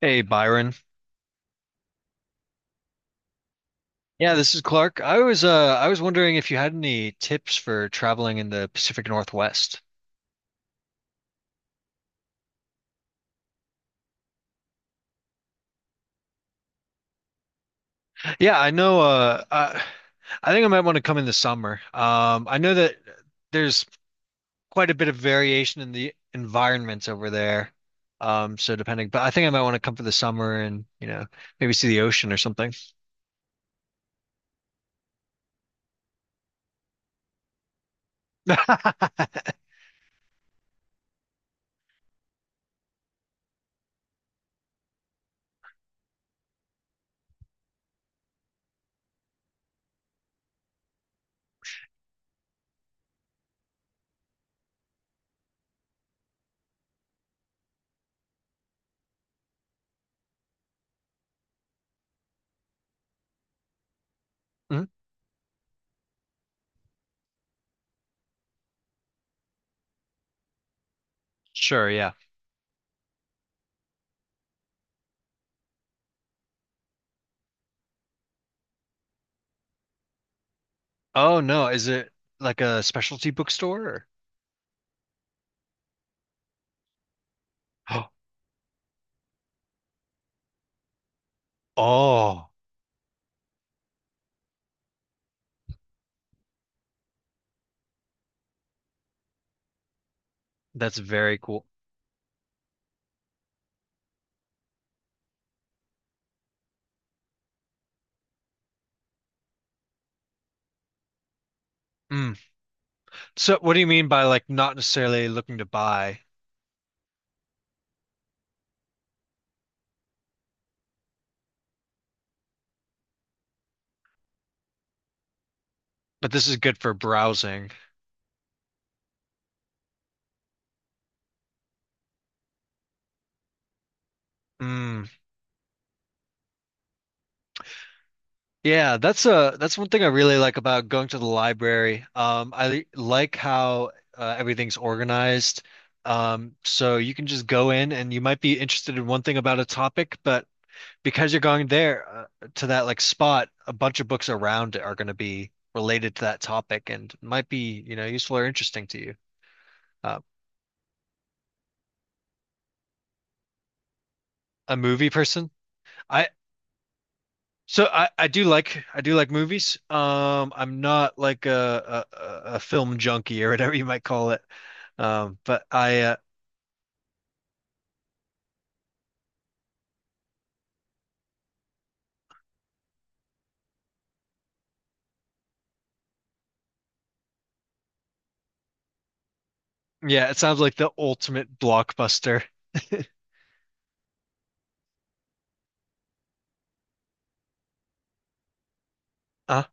Hey Byron. Yeah, this is Clark. I was I was wondering if you had any tips for traveling in the Pacific Northwest. Yeah, I know, I think I might want to come in the summer. I know that there's quite a bit of variation in the environments over there. So depending, but I think I might want to come for the summer and, maybe see the ocean or something. Mhm. Sure, yeah. Oh no, is it like a specialty bookstore or? Oh, that's very cool. Hmm. So what do you mean by like not necessarily looking to buy, but this is good for browsing? Mm, yeah, that's a that's one thing I really like about going to the library. I like how everything's organized. So you can just go in and you might be interested in one thing about a topic, but because you're going there to that like spot, a bunch of books around it are going to be related to that topic and might be, useful or interesting to you. Uh, a movie person? I So I do like movies. I'm not like a film junkie or whatever you might call it. But I Yeah, it sounds like the ultimate blockbuster. Uh,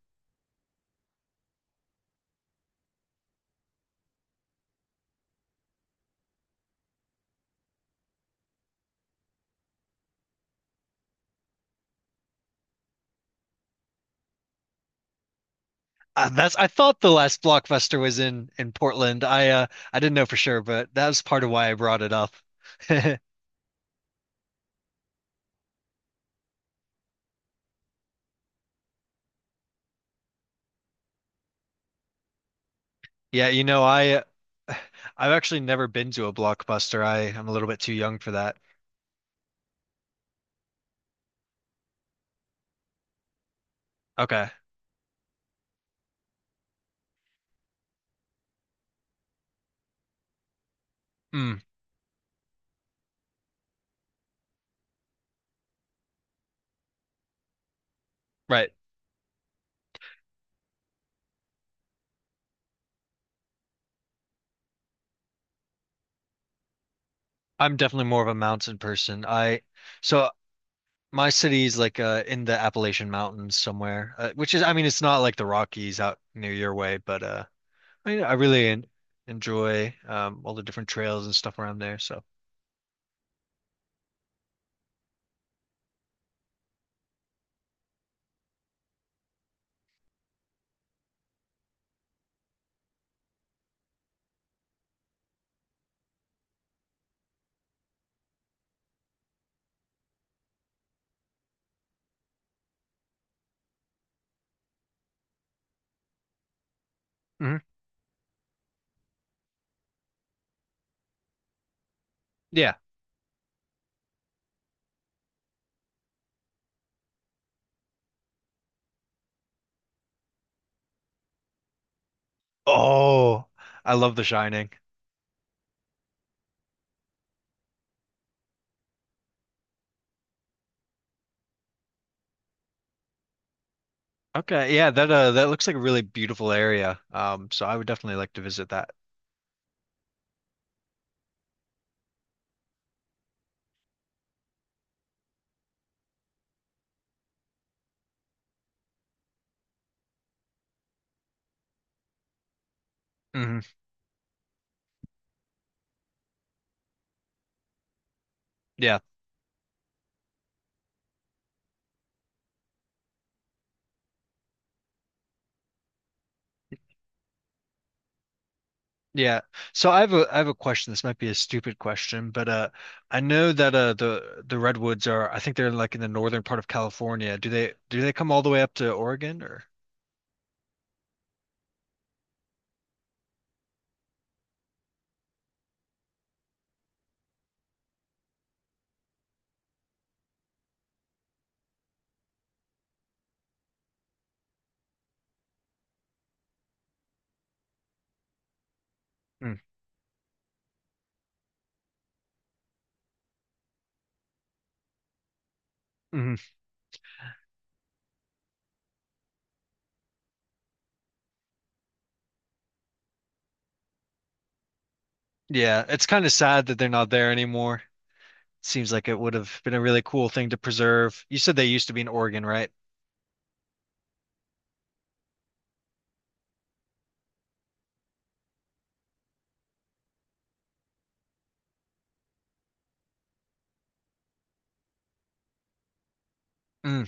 that's, I thought the last blockbuster was in Portland. I didn't know for sure, but that was part of why I brought it up. Yeah, you know, uh, I've actually never been to a blockbuster. I am a little bit too young for that. Okay. Mm, right. I'm definitely more of a mountain person. I so My city's like in the Appalachian Mountains somewhere, which is, I mean, it's not like the Rockies out near your way, but I mean, I really en enjoy all the different trails and stuff around there. So mhm. Yeah. Oh, I love The Shining. Okay, yeah, that that looks like a really beautiful area. So I would definitely like to visit that. Hmm. Yeah. Yeah. So I have a question. This might be a stupid question, but I know that the redwoods are, I think they're like in the northern part of California. Do they come all the way up to Oregon or? Mm-hmm. Yeah, it's kind of sad that they're not there anymore. Seems like it would have been a really cool thing to preserve. You said they used to be in Oregon, right? Mm.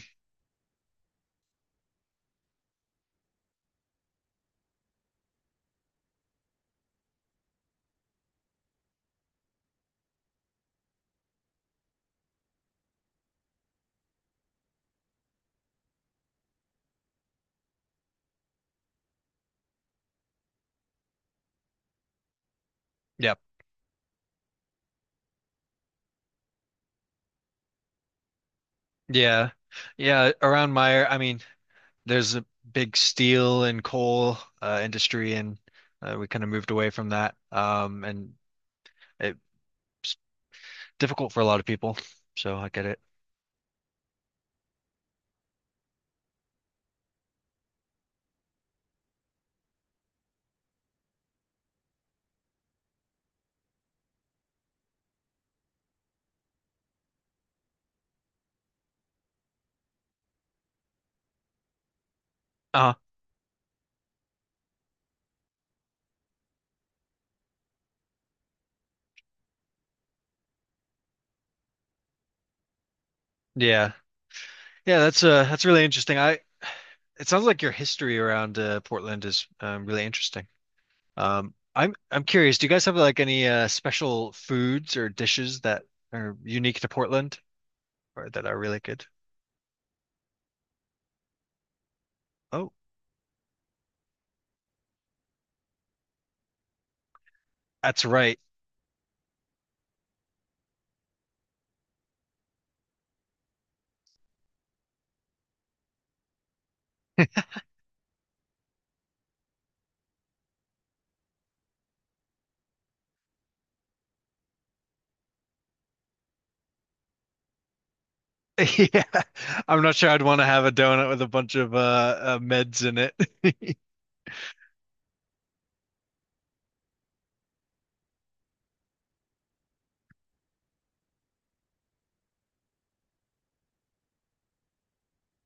Yep. Yeah. Yeah, around my, I mean, there's a big steel and coal industry, and we kind of moved away from that. And it Difficult for a lot of people. So I get it. Uh, yeah. Yeah, that's really interesting. I, it sounds like your history around Portland is really interesting. I'm curious, do you guys have like any special foods or dishes that are unique to Portland or that are really good? Oh, that's right. Yeah. I'm not sure I'd want to have a donut with a bunch of meds in it.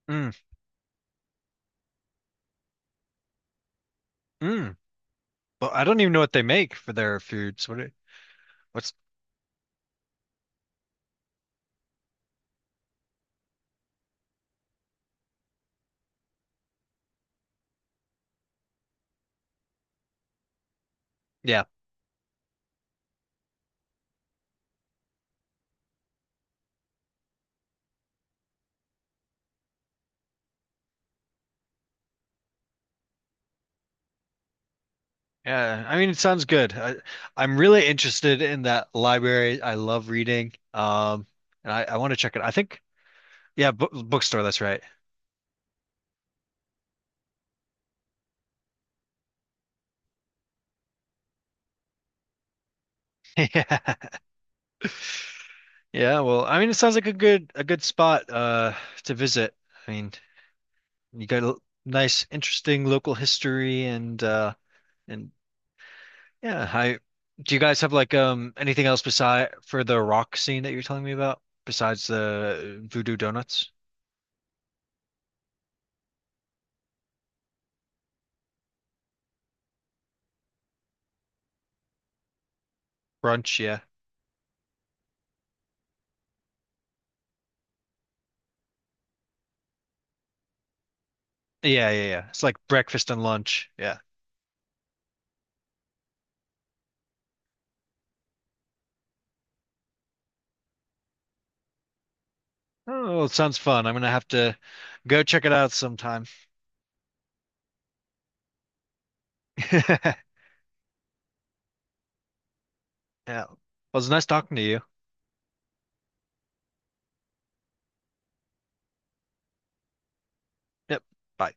Mm, mm. Well, I don't even know what they make for their foods. What it, what's Yeah. Yeah, I mean, it sounds good. I'm really interested in that library. I love reading. And I want to check it, I think. Yeah, bookstore, that's right. Yeah. Yeah, well, I mean, it sounds like a good spot to visit. I mean, you got a nice, interesting local history, and and yeah. I Do you guys have like anything else beside for the rock scene that you're telling me about besides the Voodoo Donuts? Brunch, yeah. Yeah, yeah, yeah. It's like breakfast and lunch. Yeah. Oh, it sounds fun. I'm gonna have to go check it out sometime. Yeah. Well, it's nice talking to you. Yep. Bye.